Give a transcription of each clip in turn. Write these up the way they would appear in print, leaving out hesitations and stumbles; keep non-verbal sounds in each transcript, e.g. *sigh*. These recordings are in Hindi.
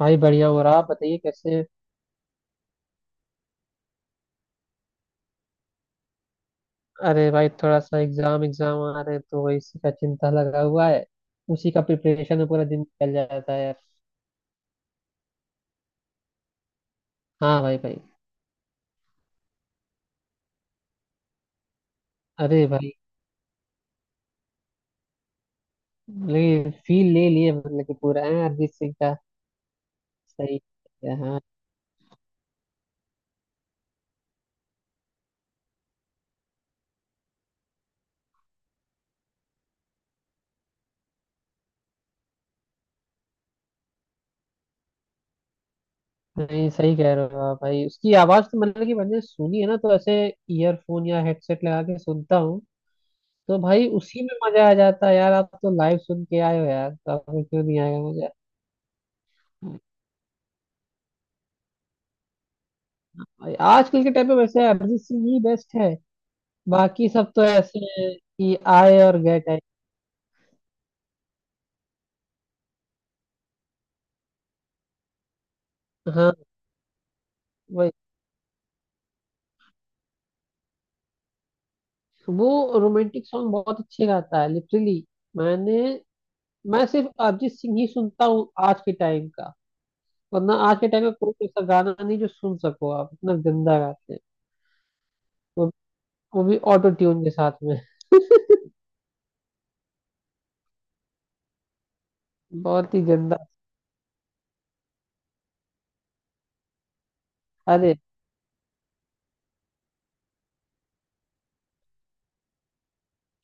भाई बढ़िया हो रहा आप बताइए कैसे। अरे भाई थोड़ा सा एग्जाम एग्जाम आ रहे हैं तो वही इसी का चिंता लगा हुआ है। उसी का प्रिपरेशन में पूरा दिन निकल जाता है यार। हाँ भाई भाई। अरे भाई, लेकिन फील ले लिए मतलब कि पूरा है अरिजीत सिंह का। सही है, हाँ। नहीं सही कह रहे हो आप भाई, उसकी आवाज तो मतलब कि मैंने सुनी है ना, तो ऐसे ईयरफोन या हेडसेट लगा के सुनता हूँ। तो भाई उसी में मजा आ जाता है यार, आप तो लाइव सुन के आए हो यार, तो आपको क्यों नहीं आएगा मजा। आजकल के टाइम पे वैसे अरिजीत सिंह ही बेस्ट है। बाकी सब तो ऐसे हैं कि आए और गए टाइप। हाँ। वही। वो रोमांटिक सॉन्ग बहुत अच्छे गाता है, लिटरली। मैंने मैं सिर्फ अरिजीत सिंह ही सुनता हूँ आज के टाइम का। वरना आज के टाइम में कोई ऐसा गाना नहीं जो सुन सको, आप इतना गंदा गाते हैं। वो, वो भी ऑटो ट्यून के साथ में। बहुत ही गंदा। अरे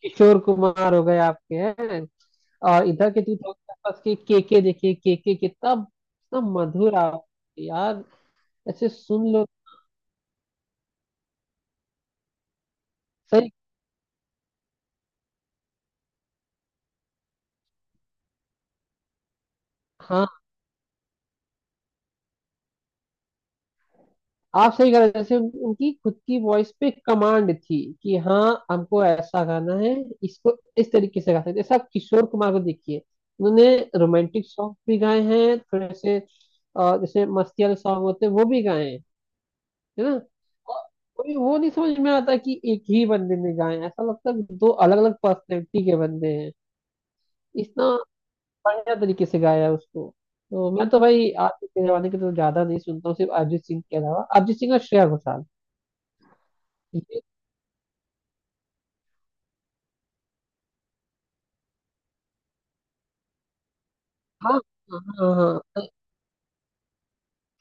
किशोर कुमार हो गए आपके हैं। और इधर के टू थाउजेंड आसपास के के देखिए के कितना कितना मधुर आवाज है यार। ऐसे सुन लो। सही। हाँ आप सही कह रहे हो, जैसे उनकी खुद की वॉइस पे कमांड थी कि हाँ हमको ऐसा गाना है, इसको इस तरीके से गा सकते हैं। जैसे आप किशोर कुमार को देखिए, उन्होंने रोमांटिक सॉन्ग भी गाए हैं थोड़े से। जैसे मस्ती वाले सॉन्ग होते हैं वो भी गाए हैं। है ना। और कोई वो नहीं समझ में आता कि एक ही बंदे ने गाए हैं। ऐसा लगता है दो अलग अलग पर्सनैलिटी के बंदे हैं। इतना बढ़िया तरीके से गाया है उसको। तो मैं तो भाई आज के जमाने के तो ज्यादा नहीं सुनता हूँ, सिर्फ अरिजीत सिंह के अलावा, अरिजीत सिंह और श्रेया घोषाल। ये- हाँ, हाँ, हाँ, हाँ, सही।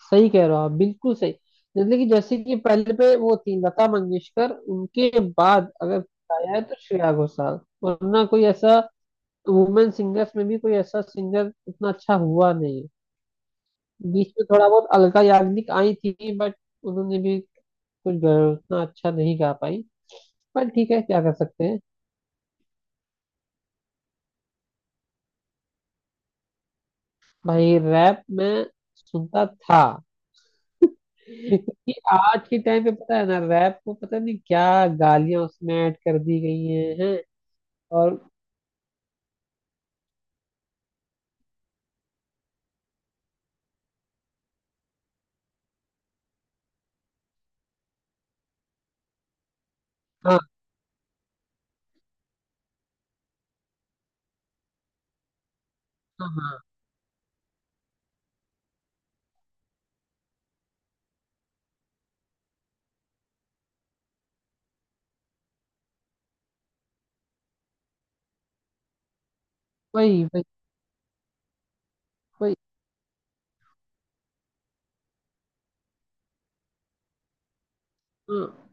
सही कह रहे हो आप, बिल्कुल सही। लेकिन जैसे कि पहले पे वो थी लता मंगेशकर, उनके बाद अगर गाया है तो श्रेया घोषाल, वरना कोई ऐसा वुमेन सिंगर्स में भी कोई ऐसा सिंगर उतना अच्छा हुआ नहीं है। बीच में थोड़ा बहुत अलका याग्निक आई थी, बट उन्होंने भी उतना अच्छा नहीं गा पाई। पर ठीक है, क्या कर सकते हैं। भाई रैप में सुनता था। *laughs* क्योंकि आज के टाइम पे पता है ना रैप को पता नहीं क्या गालियां उसमें ऐड कर दी गई हैं, हैं? और हाँ, हाँ, हाँ, वही, वही, वही। हाँ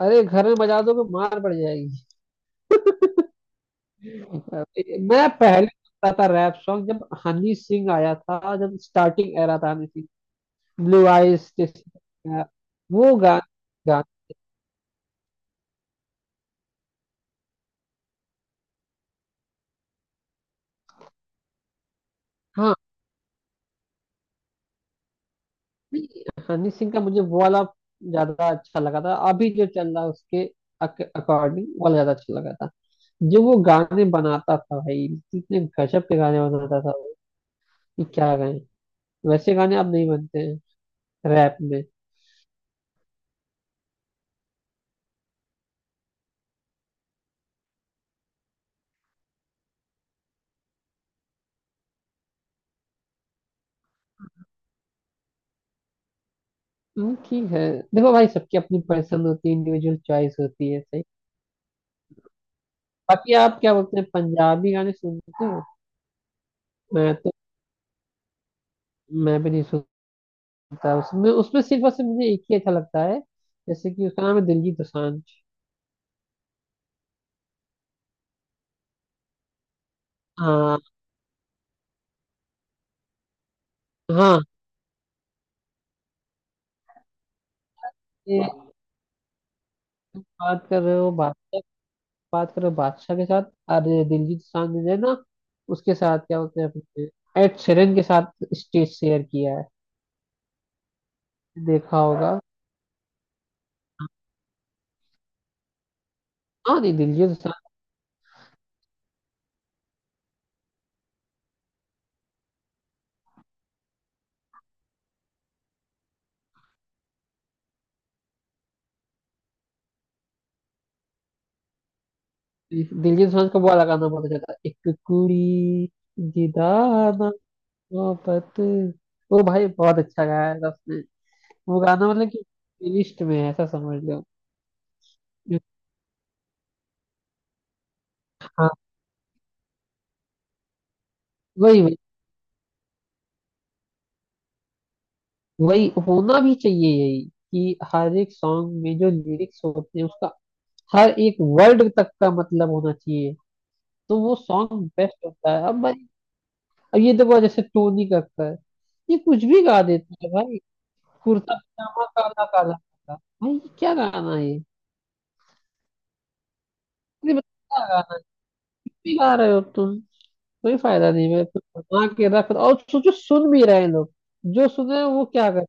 अरे घर में बजा दोगे मार पड़ जाएगी। मैं पहले सुनता था रैप सॉन्ग जब हनी सिंह आया था, जब स्टार्टिंग एरा था हनी सिंह, ब्लू आइज, वो गाना। गा, नहीं, हनी सिंह का मुझे वो वाला ज्यादा अच्छा लगा था, अभी जो चल रहा है उसके अकॉर्डिंग वाला ज्यादा अच्छा लगा था। जो वो गाने बनाता था भाई, इतने गजब के गाने बनाता था वो कि क्या गाए। वैसे गाने अब नहीं बनते हैं रैप में। ठीक है। देखो भाई सबकी अपनी पसंद होती है, इंडिविजुअल चॉइस होती है। सही। बाकी आप क्या बोलते हैं, पंजाबी गाने सुनते हो। मैं तो, मैं भी नहीं सुनता उसमें। उसमें सिर्फ और सिर्फ मुझे एक ही अच्छा लगता है, जैसे कि उसका नाम है दिलजीत दोसांझ। हाँ हाँ। ये बात कर रहे हो बादशाह, बात कर रहे हो बादशाह के साथ। अरे दिलजीत सांझ ने ना उसके साथ क्या बोलते हैं अपने, एड शेरन के साथ स्टेज शेयर किया है, देखा होगा। हाँ नहीं, दिलजीत सांझ, दिलजीत सांझ का वो वाला गाना बहुत अच्छा था, एक कुड़ी, दीदाना, मोहब्बत, वो भाई बहुत अच्छा गाया था उसने। वो गाना मतलब कि लिस्ट में है, ऐसा समझ लो। हाँ, वही, वही। वही होना भी चाहिए, यही कि हर एक सॉन्ग में जो लिरिक्स होते हैं उसका हर एक वर्ड तक का मतलब होना चाहिए। तो वो सॉन्ग बेस्ट होता है अब भाई। अब ये देखो जैसे टोनी करता है, ये कुछ भी गा देता है भाई। कुर्ता पजामा काला काला काला। भाई ये क्या गाना है ये। ये मतलब क्या गाना भी गा रहे हो तुम, कोई फायदा नहीं है, तुम बना के रख और सोचो, सुन भी रहे हैं लोग। जो सुने वो क्या कर।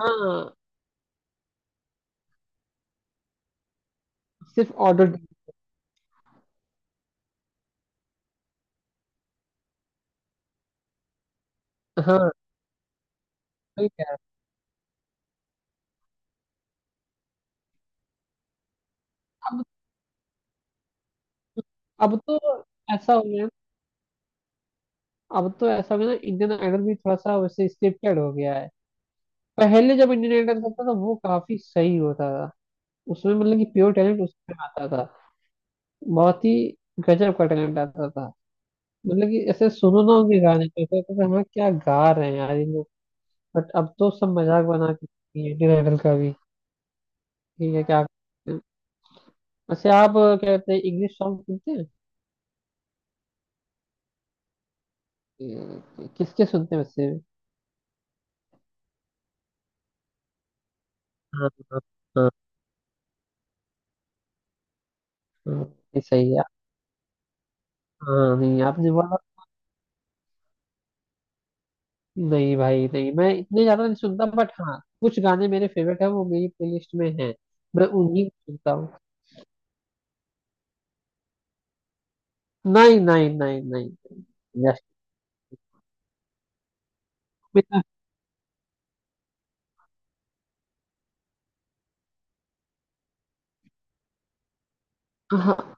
हाँ। सिर्फ ऑडिट। हाँ ठीक है। अब अब तो ऐसा हो गया अब तो ऐसा हो गया ना, इंडियन आइडल भी थोड़ा सा वैसे स्क्रिप्टेड हो गया है। पहले जब इंडियन आइडल करता था तो वो काफी सही होता था। उसमें मतलब कि प्योर टैलेंट उसमें आता था। बहुत ही गजब का टैलेंट आता था। मतलब कि ऐसे सुनो ना उनके गाने पे तो ऐसा लगता था, हाँ क्या गा रहे हैं यार ये लोग। बट अब तो सब मजाक बना के इंडियन आइडल का भी। ठीक है क्या। वैसे आप क्या कहते हैं, इंग्लिश सॉन्ग सुनते हैं। किसके सुनते हैं वैसे। हाँ, हाँ, हाँ, हाँ, ये सही है। हाँ नहीं आपने बोला। नहीं भाई नहीं, मैं इतने ज्यादा नहीं सुनता, बट हाँ कुछ गाने मेरे फेवरेट है, वो मेरी प्लेलिस्ट में है। मैं उन्हीं को सुनता हूँ। नहीं, नहीं, नहीं, नहीं, जस्ट। हाँ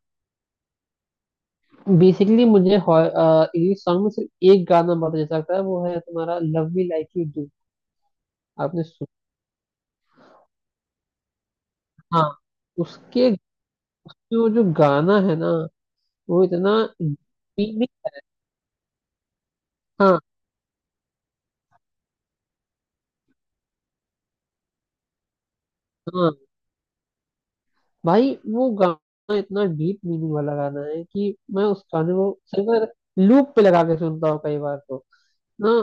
बेसिकली मुझे इंग्लिश सॉन्ग में सिर्फ एक गाना बहुत अच्छा लगता है, वो है तुम्हारा love me like you do. आपने सुना। हाँ। उसके जो जो गाना है ना, वो इतना मीनिंग। हाँ हाँ भाई वो गाना इतना डीप मीनिंग वाला गाना है कि मैं उस गाने को सिर्फ लूप पे लगा के सुनता हूँ कई बार तो। हाँ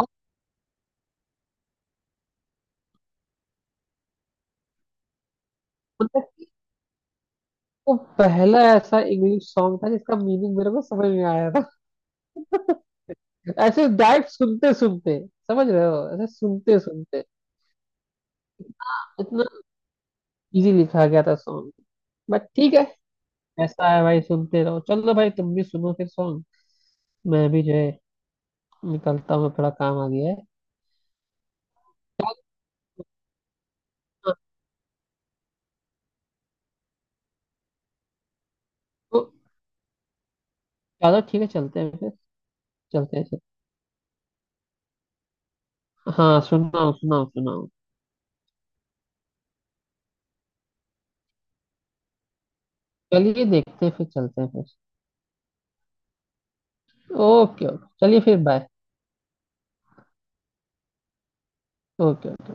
और मतलब वो पहला ऐसा इंग्लिश सॉन्ग था जिसका मीनिंग मेरे को समझ में आया था। *laughs* ऐसे डायरेक्ट सुनते सुनते समझ रहे हो, ऐसे सुनते सुनते इतना इजी लिखा गया था सॉन्ग। बट ठीक है, ऐसा है भाई सुनते रहो, चलो भाई तुम भी सुनो फिर सॉन्ग। मैं भी जो है निकलता हूँ, थोड़ा काम आ गया है। हाँ, तो चलो ठीक है, चलते हैं फिर। चलते हैं, चलते। हाँ सुनाओ, सुनाओ, सुनाओ। चलिए देखते हैं, फिर चलते हैं फिर। ओके, ओके, चलिए फिर बाय। ओके।